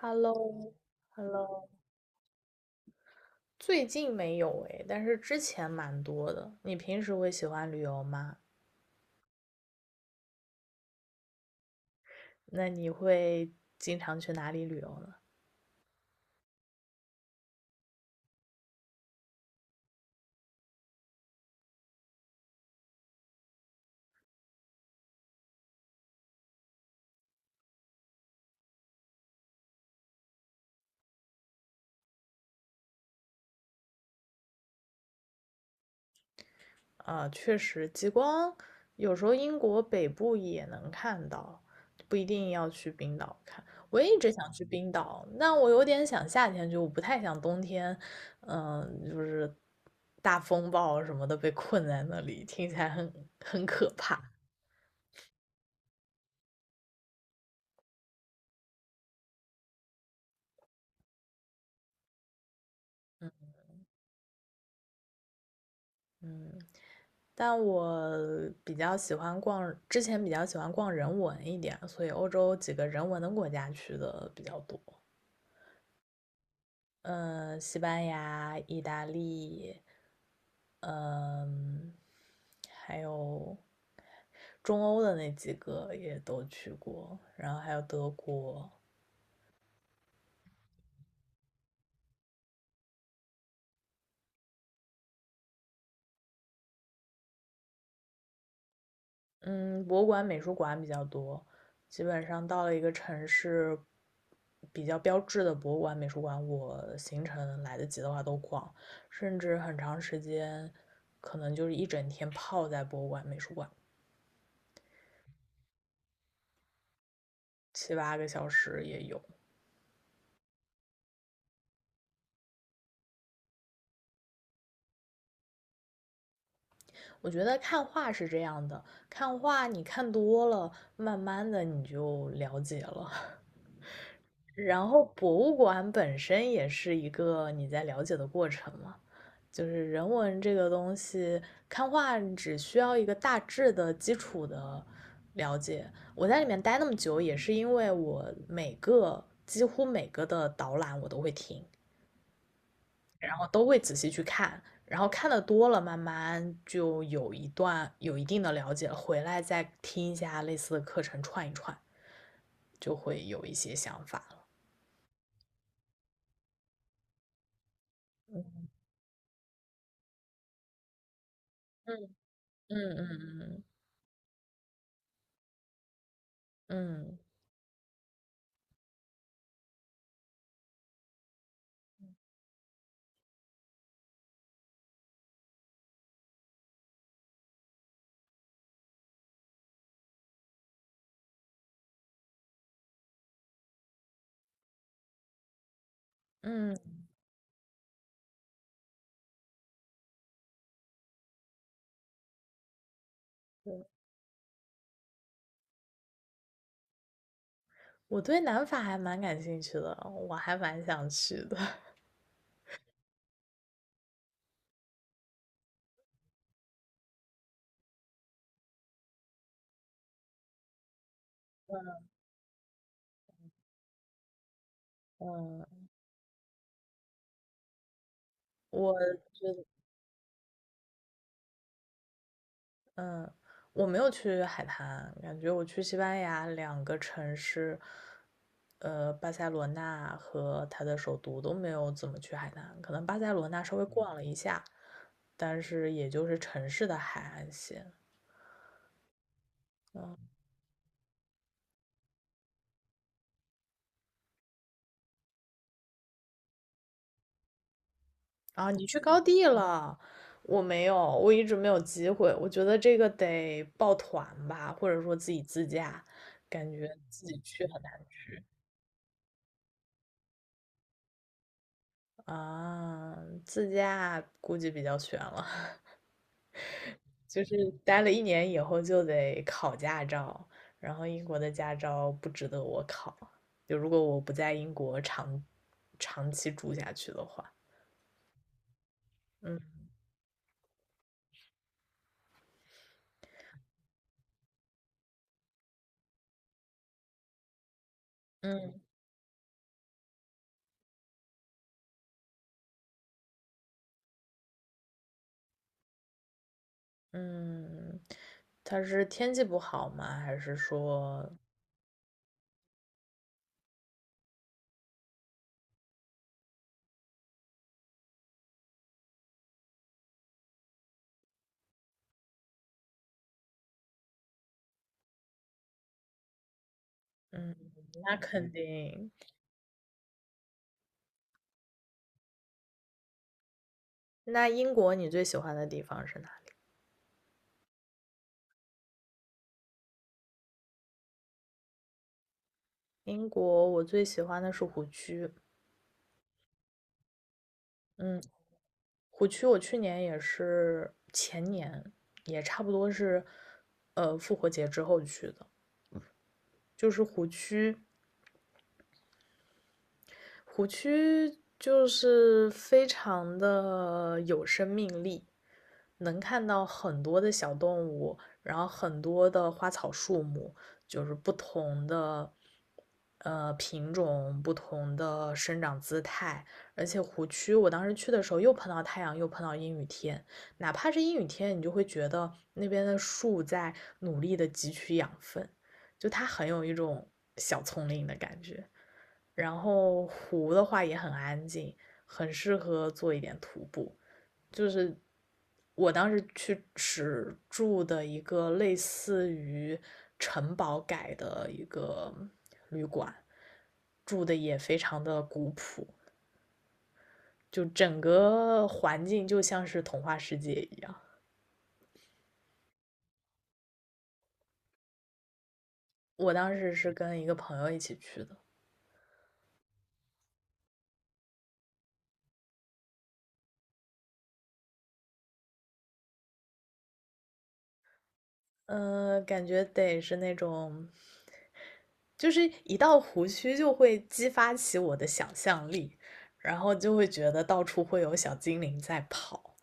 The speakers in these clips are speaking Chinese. Hello，Hello，最近没有诶，但是之前蛮多的。你平时会喜欢旅游吗？那你会经常去哪里旅游呢？确实，极光有时候英国北部也能看到，不一定要去冰岛看。我也一直想去冰岛，但我有点想夏天去，我不太想冬天，就是大风暴什么的被困在那里，听起来很可怕。但我比较喜欢逛，之前比较喜欢逛人文一点，所以欧洲几个人文的国家去的比较多。嗯，西班牙、意大利，嗯，还有中欧的那几个也都去过，然后还有德国。嗯，博物馆、美术馆比较多。基本上到了一个城市，比较标志的博物馆、美术馆，我行程来得及的话都逛，甚至很长时间，可能就是一整天泡在博物馆、美术馆，七八个小时也有。我觉得看画是这样的，看画你看多了，慢慢的你就了解了。然后博物馆本身也是一个你在了解的过程嘛，就是人文这个东西，看画只需要一个大致的基础的了解。我在里面待那么久，也是因为我几乎每个的导览我都会听，然后都会仔细去看，然后看的多了，慢慢就有一段有一定的了解了，回来再听一下类似的课程串一串，就会有一些想法了。嗯嗯嗯嗯。嗯，嗯，我对南法还蛮感兴趣的，我还蛮想去的。嗯，我觉得，嗯，我没有去海滩，感觉我去西班牙两个城市，巴塞罗那和它的首都都没有怎么去海滩，可能巴塞罗那稍微逛了一下，但是也就是城市的海岸线。嗯啊，你去高地了，我没有，我一直没有机会。我觉得这个得抱团吧，或者说自己自驾，感觉自己去很难啊。自驾估计比较悬了，就是待了一年以后就得考驾照，然后英国的驾照不值得我考，就如果我不在英国长期住下去的话。嗯嗯嗯，它是天气不好吗？还是说？嗯，那肯定。那英国你最喜欢的地方是哪里？英国我最喜欢的是湖区。嗯，湖区我去年也是，前年也差不多是，复活节之后去的。就是湖区，湖区就是非常的有生命力，能看到很多的小动物，然后很多的花草树木，就是不同的品种、不同的生长姿态。而且湖区，我当时去的时候又碰到太阳，又碰到阴雨天，哪怕是阴雨天，你就会觉得那边的树在努力的汲取养分，就它很有一种小丛林的感觉。然后湖的话也很安静，很适合做一点徒步。就是我当时去只住的一个类似于城堡改的一个旅馆，住的也非常的古朴，就整个环境就像是童话世界一样。我当时是跟一个朋友一起去的，感觉得是那种，就是一到湖区就会激发起我的想象力，然后就会觉得到处会有小精灵在跑。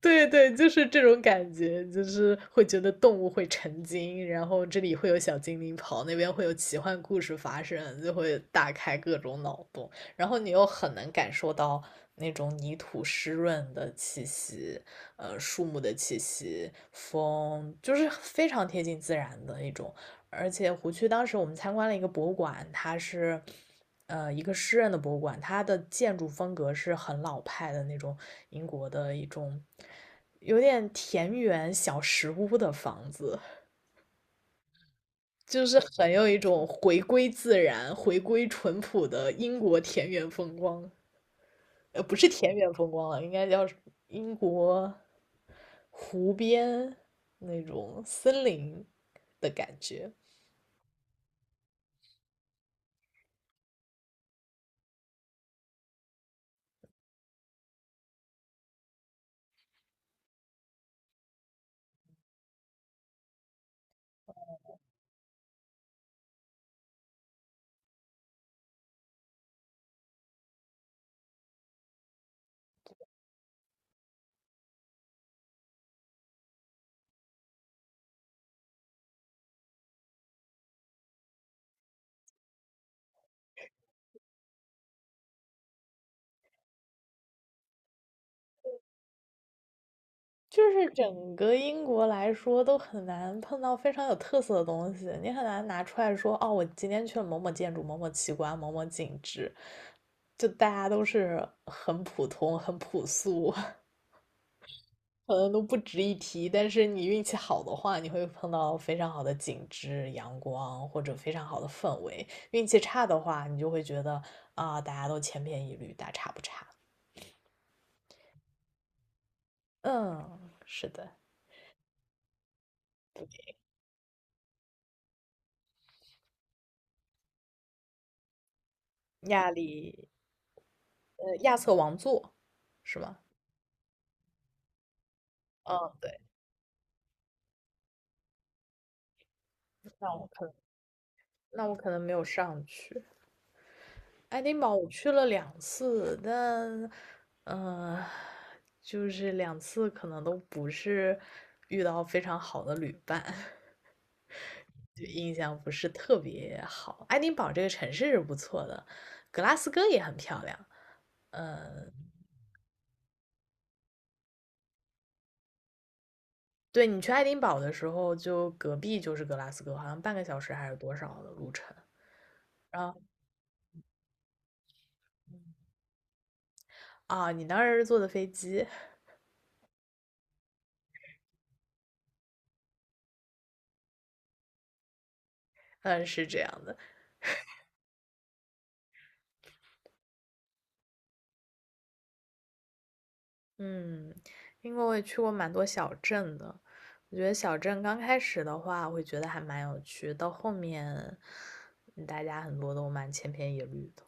对对，就是这种感觉，就是会觉得动物会成精，然后这里会有小精灵跑，那边会有奇幻故事发生，就会大开各种脑洞，然后你又很能感受到那种泥土湿润的气息，树木的气息，风，就是非常贴近自然的一种。而且湖区当时我们参观了一个博物馆，它是一个诗人的博物馆，它的建筑风格是很老派的那种英国的一种有点田园小石屋的房子，就是很有一种回归自然、回归淳朴的英国田园风光。不是田园风光了，应该叫英国湖边那种森林的感觉。就是整个英国来说，都很难碰到非常有特色的东西，你很难拿出来说，哦，我今天去了某某建筑、某某奇观、某某景致，就大家都是很普通、很朴素，可能都不值一提。但是你运气好的话，你会碰到非常好的景致、阳光或者非常好的氛围；运气差的话，你就会觉得啊，大家都千篇一律，大差不差。嗯，是的。亚里，亚瑟王座是吗？嗯，对，那我可能没有上去。爱丁堡我去了两次，但，嗯、就是两次可能都不是遇到非常好的旅伴，就印象不是特别好。爱丁堡这个城市是不错的，格拉斯哥也很漂亮。对，你去爱丁堡的时候，就隔壁就是格拉斯哥，好像半个小时还是多少的路程。然后啊，你当时是坐的飞机，嗯，是这样的。嗯，因为我也去过蛮多小镇的，我觉得小镇刚开始的话，会觉得还蛮有趣，到后面，大家很多都蛮千篇一律的。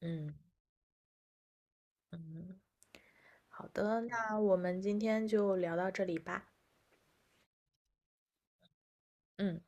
嗯嗯，好的，那我们今天就聊到这里吧。嗯。